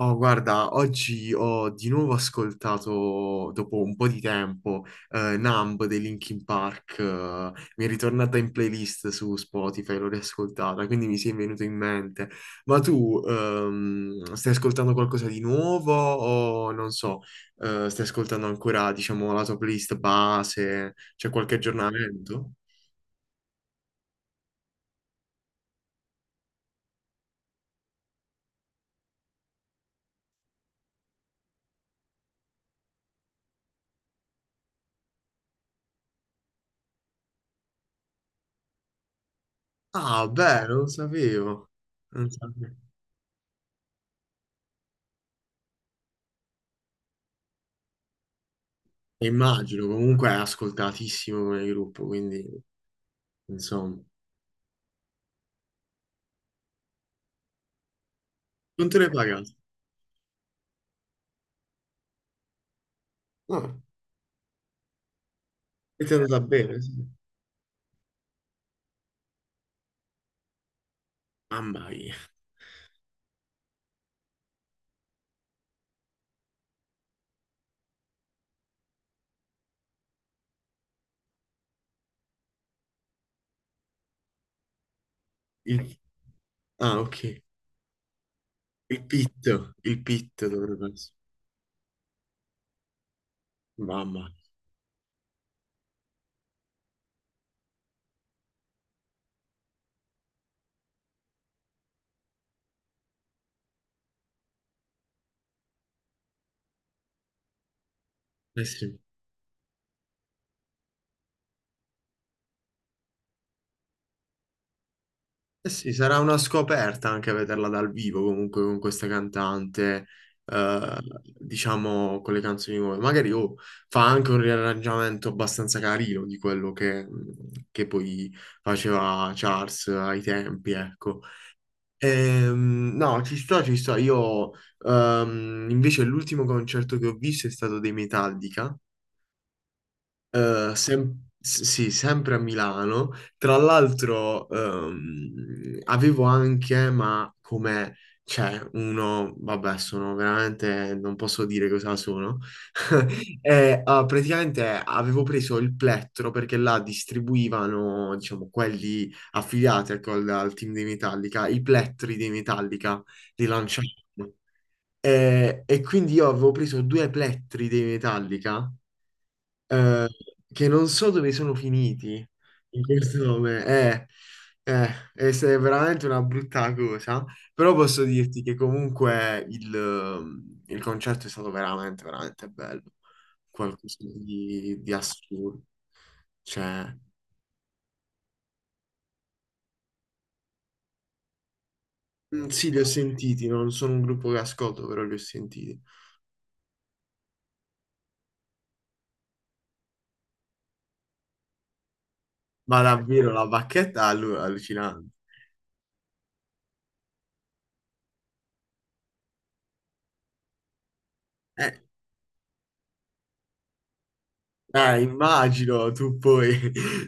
Oh, guarda, oggi ho di nuovo ascoltato, dopo un po' di tempo, Numb dei Linkin Park, mi è ritornata in playlist su Spotify, l'ho riascoltata, quindi mi si è venuto in mente. Ma tu, stai ascoltando qualcosa di nuovo o non so, stai ascoltando ancora, diciamo, la tua playlist base? C'è qualche aggiornamento? Ah, beh, non sapevo. Non sapevo. Immagino, comunque è ascoltatissimo come gruppo, quindi insomma. Non te ne pagato? No, e ti è andata bene, sì. Mamma mia. Il- Ah, ok. Il pitto dovrebbe essere. Mamma mia. Eh sì. Eh sì, sarà una scoperta anche vederla dal vivo comunque con questa cantante, eh, diciamo con le canzoni nuove. Magari oh, fa anche un riarrangiamento abbastanza carino di quello che poi faceva Charles ai tempi, ecco. No, ci sto, ci sto. Io, invece, l'ultimo concerto che ho visto è stato dei Metallica. Sì, sempre a Milano. Tra l'altro, avevo anche, ma come c'è uno, vabbè, sono veramente, non posso dire cosa sono. E, ah, praticamente avevo preso il plettro perché là distribuivano, diciamo, quelli affiliati ecco, al team di Metallica, i plettri di Metallica li lanciavano. E quindi io avevo preso due plettri di Metallica eh, che non so dove sono finiti in questo nome. Eh, è è veramente una brutta cosa, però posso dirti che comunque il concerto è stato veramente, veramente bello. Qualcosa di assurdo. Cioè, mm, sì, li ho sentiti, non sono un gruppo che ascolto, però li ho sentiti. Ma davvero la bacchetta è allucinante. Eh, immagino tu poi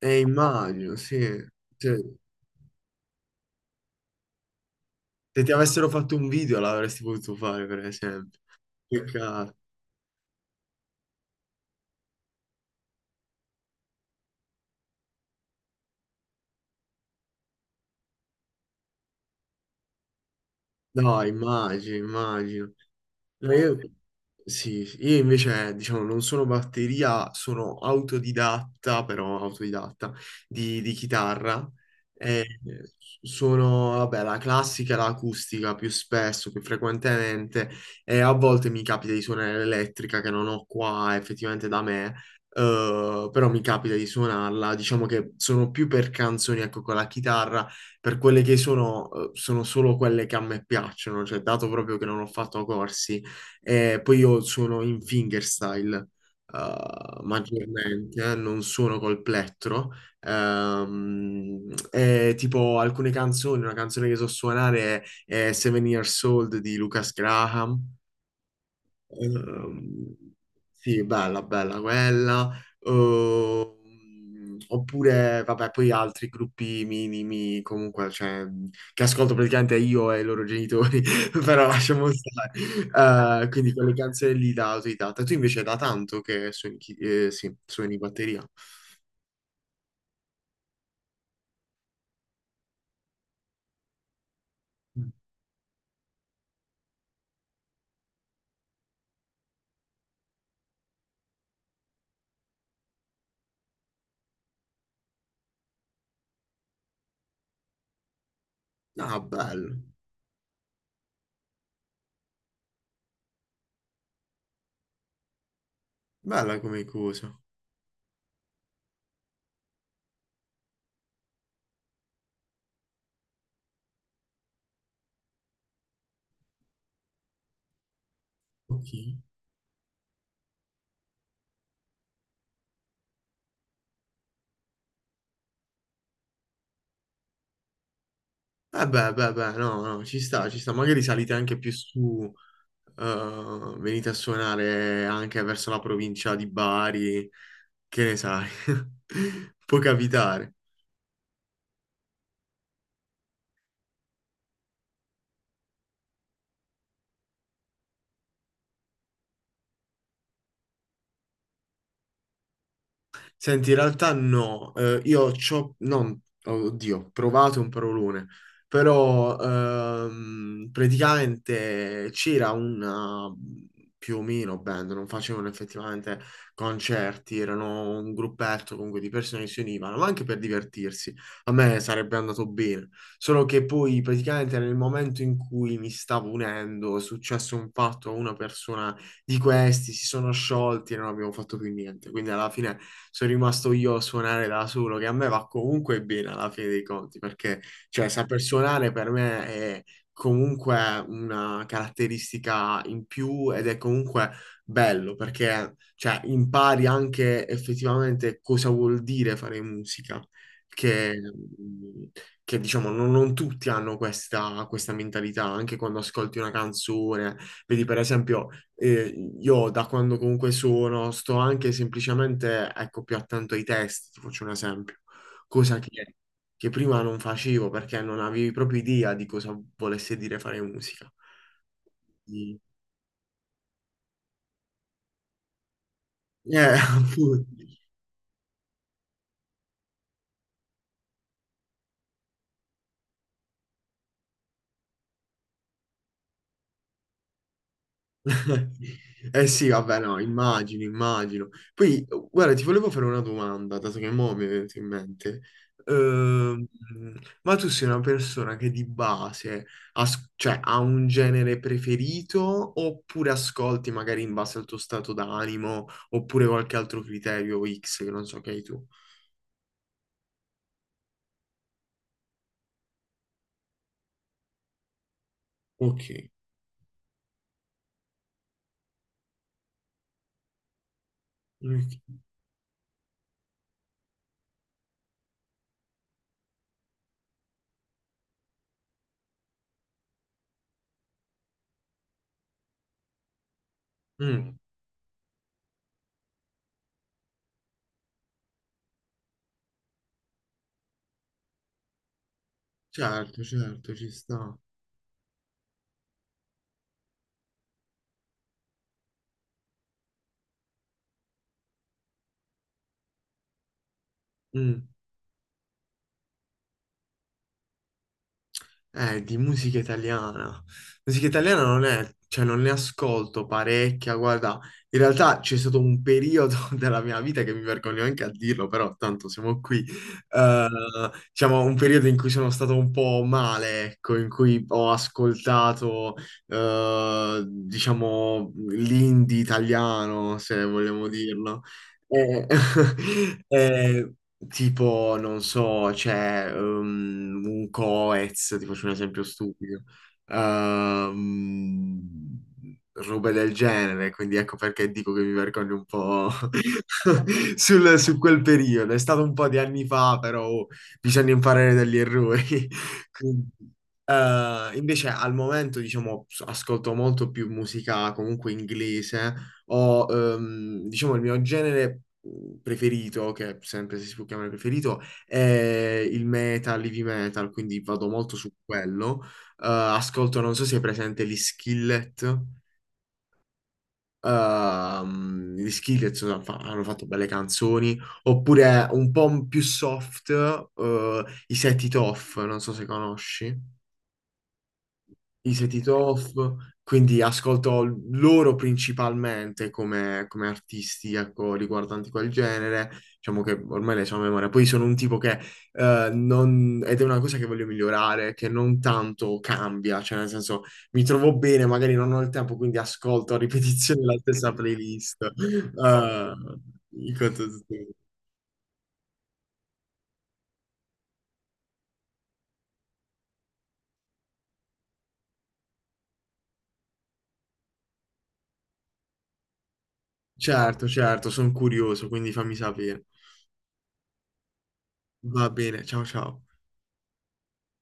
Immagino, sì. Cioè, se ti avessero fatto un video l'avresti potuto fare, per esempio. Peccato. No, immagino, immagino. No, io, sì, sì. Io invece, diciamo, non sono batteria, sono autodidatta, però autodidatta, di chitarra. E sono, vabbè, la classica, e l'acustica più spesso, più frequentemente, e a volte mi capita di suonare l'elettrica che non ho qua effettivamente da me, però mi capita di suonarla. Diciamo che sono più per canzoni, ecco, con la chitarra, per quelle che sono, sono solo quelle che a me piacciono, cioè dato proprio che non ho fatto corsi e poi io suono in fingerstyle, maggiormente, non suono col plettro. E tipo alcune canzoni, una canzone che so suonare è Seven Years Old di Lucas Graham. Ehm, sì, bella, bella quella. Oppure, vabbè, poi altri gruppi minimi, comunque, cioè, che ascolto praticamente io e i loro genitori, però lasciamo stare. Quindi quelle canzoni lì da autodidatta. Tu invece da tanto che suoni, sì, suoni batteria. Mm. Ah, bello. Bella come cosa. Ok. Eh beh, beh, beh, no, no, ci sta, ci sta. Magari salite anche più su, venite a suonare anche verso la provincia di Bari, che ne sai? Può capitare. Senti, in realtà no, eh, io c'ho, non, oddio, ho provato un parolone, però praticamente c'era una più o meno band, non facevano effettivamente concerti, erano un gruppetto comunque di persone che si univano, ma anche per divertirsi. A me sarebbe andato bene, solo che poi praticamente nel momento in cui mi stavo unendo è successo un fatto a una persona di questi si sono sciolti e non abbiamo fatto più niente. Quindi alla fine sono rimasto io a suonare da solo, che a me va comunque bene alla fine dei conti, perché cioè, saper suonare per me è comunque una caratteristica in più ed è comunque bello, perché cioè, impari anche effettivamente cosa vuol dire fare musica. Che, che diciamo non, non tutti hanno questa, questa mentalità, anche quando ascolti una canzone, vedi per esempio e io da quando comunque sono, sto anche semplicemente, ecco, più attento ai testi, ti faccio un esempio, cosa che prima non facevo perché non avevi proprio idea di cosa volesse dire fare musica. Quindi- Eh, appunto. Eh sì, vabbè, no, immagino, immagino. Poi, guarda, ti volevo fare una domanda, dato che mo' mi è venuto in mente. Ehm, ma tu sei una persona che di base cioè, ha un genere preferito oppure ascolti magari in base al tuo stato d'animo oppure qualche altro criterio X che non so che hai tu? Ok. Ok. Mm, certo, certo, ci sta. Mm. Di musica italiana. Musica italiana non è, cioè non ne ascolto parecchia, guarda, in realtà c'è stato un periodo della mia vita che mi vergogno anche a dirlo, però tanto siamo qui, eh, diciamo un periodo in cui sono stato un po' male, ecco, in cui ho ascoltato, diciamo, l'indie italiano, se vogliamo dirlo. Eh, eh, Tipo, non so, c'è un Coez, ti faccio un esempio stupido, ehm, robe del genere, quindi ecco perché dico che mi vergogno un po' su quel periodo. È stato un po' di anni fa, però oh, bisogna imparare dagli errori. Quindi, invece al momento, diciamo, ascolto molto più musica comunque inglese, o diciamo il mio genere preferito, che sempre se si può chiamare preferito, è il metal, heavy metal, quindi vado molto su quello. Ascolto, non so se è presente gli Skillet. Gli Skillet hanno fatto belle canzoni, oppure un po' più soft, i Set It Off, non so se conosci. I Set It Off, quindi ascolto loro principalmente come, come artisti, ecco, riguardanti quel genere, diciamo che ormai le so a memoria. Poi sono un tipo che non, ed è una cosa che voglio migliorare, che non tanto cambia, cioè nel senso mi trovo bene, magari non ho il tempo, quindi ascolto a ripetizione la stessa playlist. In quanto- Certo, certo, sono curioso, quindi fammi sapere. Va bene, ciao ciao.